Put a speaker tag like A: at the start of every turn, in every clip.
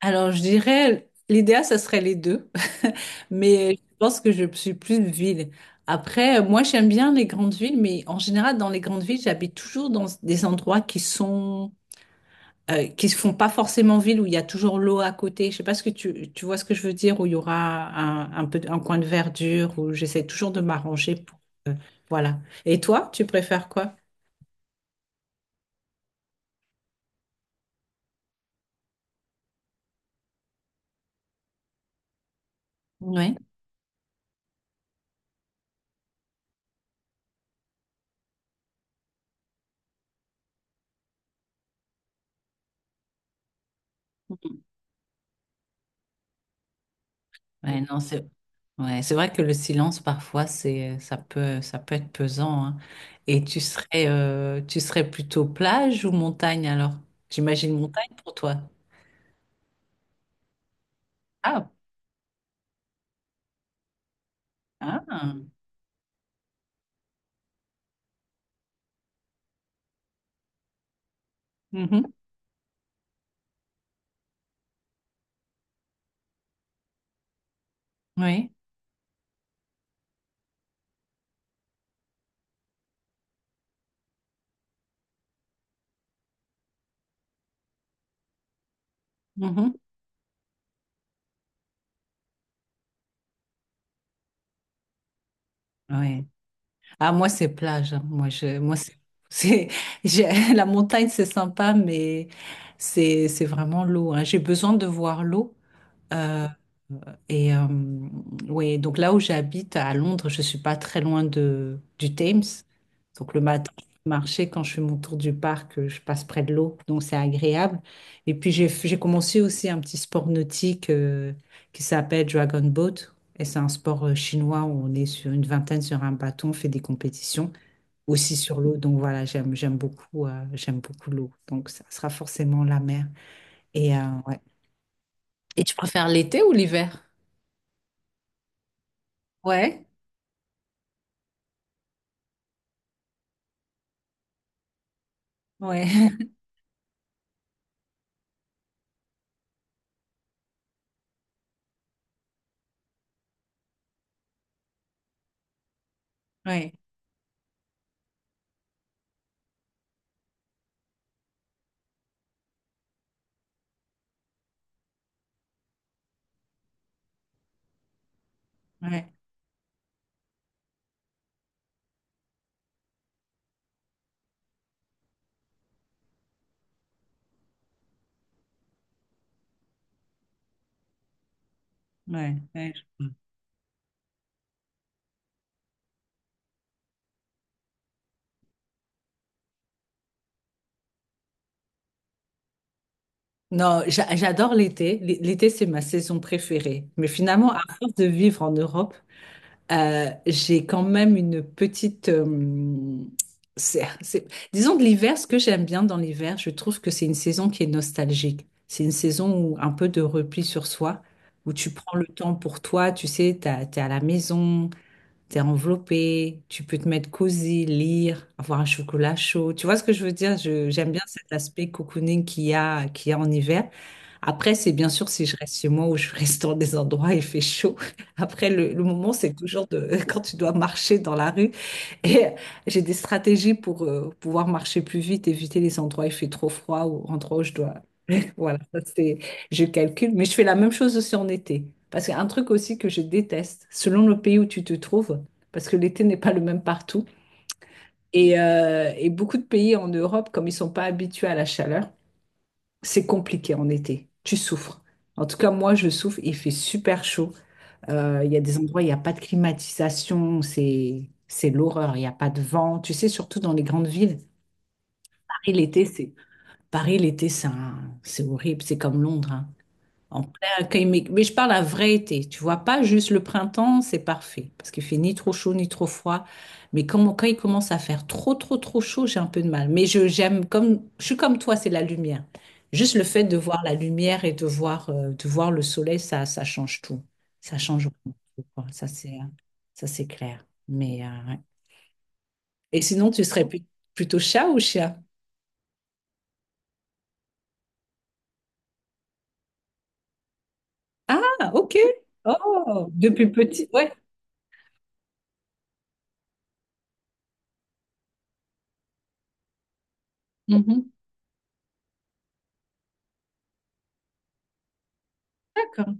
A: Alors, je dirais, l'idéal, ça serait les deux, mais je pense que je suis plus ville. Après, moi, j'aime bien les grandes villes, mais en général, dans les grandes villes, j'habite toujours dans des endroits qui se font pas forcément ville, où il y a toujours l'eau à côté. Je sais pas ce que tu vois ce que je veux dire, où il y aura un coin de verdure, où j'essaie toujours de m'arranger pour, voilà. Et toi, tu préfères quoi? Ouais. Ouais, non, c'est ouais, c'est vrai que le silence parfois c'est ça peut être pesant hein. Et tu serais plutôt plage ou montagne alors? J'imagine montagne pour toi. Ah, ah. Mhm. Oui. Mhm. Oui. Ah moi c'est plage, hein. Moi je moi c'est- la montagne c'est sympa mais c'est vraiment l'eau, hein. J'ai besoin de voir l'eau. euh, Et oui, donc là où j'habite à Londres, je suis pas très du Thames. Donc le matin, je peux marcher quand je fais mon tour du parc, je passe près de l'eau, donc c'est agréable. Et puis j'ai commencé aussi un petit sport nautique qui s'appelle Dragon Boat. Et c'est un sport chinois où on est sur une vingtaine sur un bâton, on fait des compétitions aussi sur l'eau. Donc voilà, j'aime beaucoup l'eau. Donc ça sera forcément la mer. Et euh, ouais. Et tu préfères l'été ou l'hiver? Ouais, ouais. Ouais, ouais, ouais, ouais. Non, j'adore l'été. L'été, c'est ma saison préférée. Mais finalement, à force de vivre en Europe, j'ai quand même une petite... c'est- c'est- disons que l'hiver, ce que j'aime bien dans l'hiver, je trouve que c'est une saison qui est nostalgique. C'est une saison où un peu de repli sur soi, où tu prends le temps pour toi, tu sais, t'es à la maison, t'es enveloppé, tu peux te mettre cosy, lire, avoir un chocolat chaud. Tu vois ce que je veux dire? J'aime bien cet aspect cocooning qu'il y a en hiver. Après, c'est bien sûr si je reste chez moi ou je reste dans des endroits où il fait chaud. Après, le moment, c'est toujours de, quand tu dois marcher dans la rue. Et j'ai des stratégies pour pouvoir marcher plus vite, éviter les endroits où il fait trop froid ou endroits où je dois voilà, ça c'est, je calcule, mais je fais la même chose aussi en été. Parce qu'un truc aussi que je déteste, selon le pays où tu te trouves, parce que l'été n'est pas le même partout, et beaucoup de pays en Europe, comme ils sont pas habitués à la chaleur, c'est compliqué en été. Tu souffres. En tout cas, moi, je souffre. Il fait super chaud. Il y a des endroits où il n'y a pas de climatisation. C'est l'horreur. Il n'y a pas de vent. Tu sais, surtout dans les grandes villes. Paris, l'été, c'est, Paris, l'été, c'est horrible. C'est comme Londres, hein. En plein accueil, mais je parle à vrai été, tu vois, pas juste le printemps, c'est parfait, parce qu'il fait ni trop chaud ni trop froid. Mais quand il commence à faire trop chaud, j'ai un peu de mal. J'aime, comme, je suis comme toi, c'est la lumière. Juste le fait de voir la lumière et de voir le soleil, ça change tout. Ça change vraiment tout, quoi. Ça, c'est clair. Mais, ouais. Et sinon, plutôt chat ou chien? Ah, ok. Oh, depuis petit, ouais. Mhm. D'accord.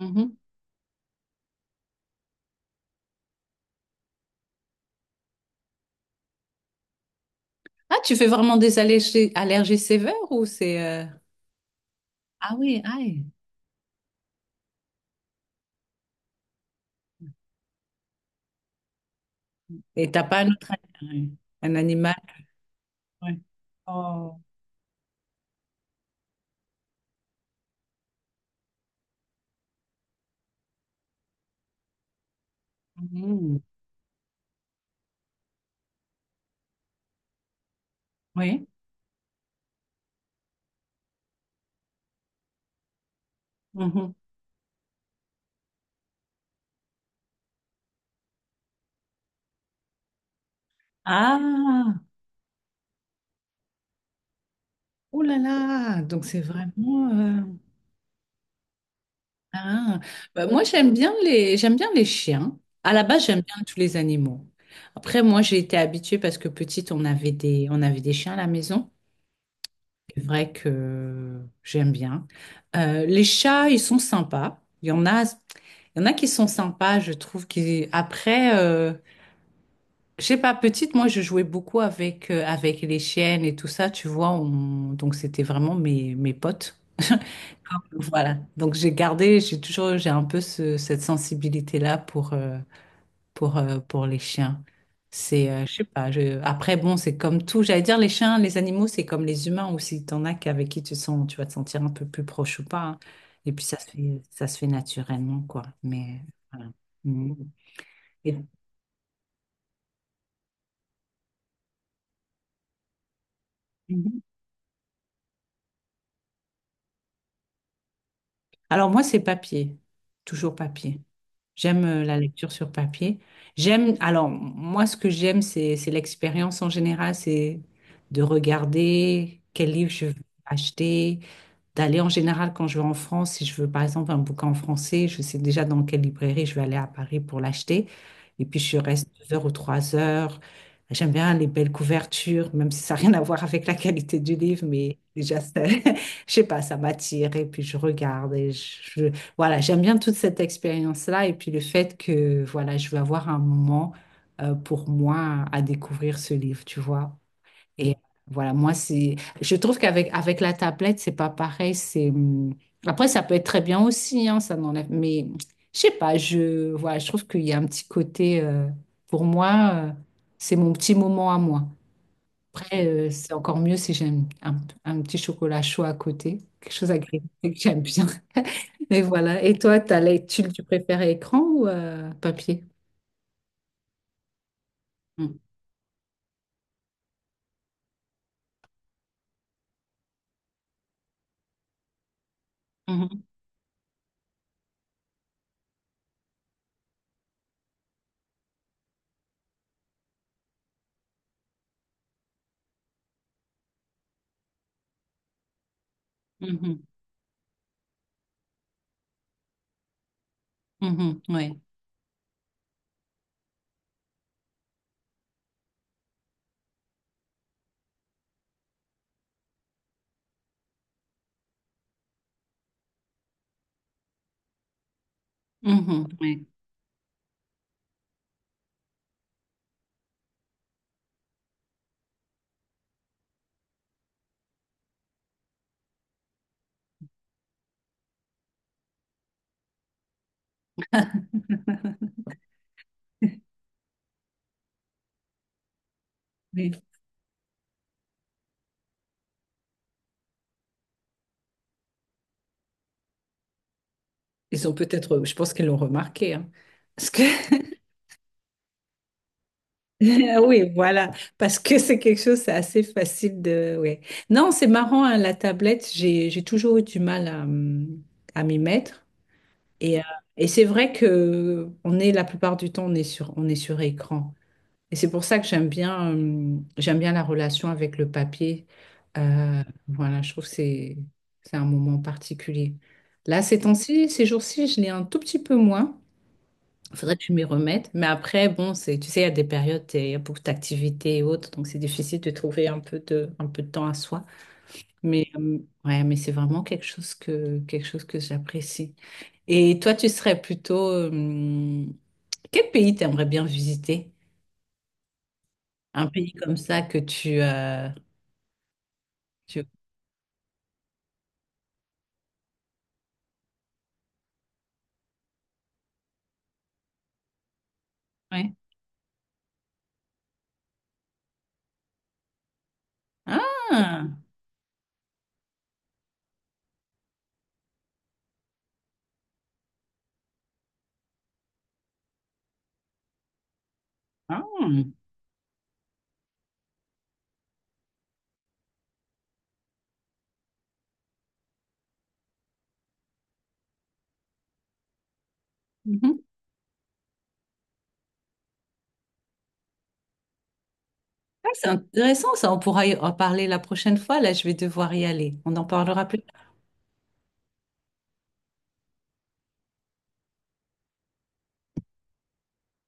A: Mhm. Ah, tu fais vraiment des allergies, allergies sévères ou c'est... euh. Ah oui, aïe. Et t'as pas un autre animal? Un animal? Ouais. Oh. Mhm. Oui. Mhm. Ah, oh là là. Donc c'est vraiment... euh. Ah. Bah, moi, j'aime bien les chiens. À la base, j'aime bien tous les animaux. Après, moi, j'ai été habituée parce que petite, on avait des chiens à la maison. C'est vrai que j'aime bien. Les chats, ils sont sympas. Il y en a, il y en a qui sont sympas, je trouve. Qui... Après, je sais pas, petite, moi, je jouais beaucoup avec, avec les chiennes et tout ça, tu vois. Donc, c'était vraiment mes potes. Voilà. Donc, j'ai gardé, j'ai toujours, j'ai un peu cette sensibilité-là pour, pour les chiens. C'est, je sais pas, je... après, bon, c'est comme tout. J'allais dire, les chiens, les animaux, c'est comme les humains aussi. T'en as qu'avec qui tu sens, tu vas te sentir un peu plus proche ou pas, hein. Et puis, ça se fait naturellement, quoi. Mais voilà. Mhm. Et- Mhm. Alors, moi, c'est papier. Toujours papier. J'aime la lecture sur papier. J'aime, alors, moi, ce que j'aime, c'est l'expérience en général, c'est de regarder quel livre je vais acheter d'aller en général quand je vais en France, si je veux par exemple un bouquin en français, je sais déjà dans quelle librairie je vais aller à Paris pour l'acheter. Et puis je reste 2 heures ou 3 heures. J'aime bien les belles couvertures, même si ça n'a rien à voir avec la qualité du livre, mais déjà, je sais pas, ça m'attire et puis je regarde je- voilà, j'aime bien toute cette expérience-là et puis le fait que voilà, je vais avoir un moment pour moi à découvrir ce livre, tu vois. Et voilà, moi, c'est, je trouve qu'avec avec la tablette, c'est pas pareil. Après, ça peut être très bien aussi, hein, ça n'enlève, mais je sais pas, voilà, je trouve qu'il y a un petit côté, pour moi, euh, c'est mon petit moment à moi. Après, c'est encore mieux si j'ai un petit chocolat chaud à côté, quelque chose agréable que j'aime bien. Mais voilà. Et toi, tu préfères écran ou papier? Mm. Mhm, mhm, mhm, ouais. Mhm, ouais. Oui. Ils ont peut-être, je pense qu'ils l'ont remarqué, hein. Parce que, oui, voilà, parce que c'est quelque chose, c'est assez facile de, ouais. Non, c'est marrant, hein, la tablette, j'ai toujours eu du mal à m'y mettre. Et, euh, et c'est vrai que la plupart du temps, on est sur écran. Et c'est pour ça que j'aime bien la relation avec le papier. Euh, voilà, je trouve que c'est un moment particulier. Là, ces jours-ci, je l'ai un tout petit peu moins. Faudrait que je m'y remette. Mais après, bon, c'est, tu sais, il y a des périodes, il y a beaucoup d'activités et autres, donc c'est difficile de trouver un peu de temps à soi. Mais ouais, mais c'est vraiment quelque chose que j'apprécie. Et toi, tu serais plutôt, quel pays t'aimerais bien visiter? Un pays comme ça que tu... Ouais. Ah, ah, mhm. Ah, c'est intéressant, ça. On pourra y en parler la prochaine fois. Là, je vais devoir y aller. On en parlera plus.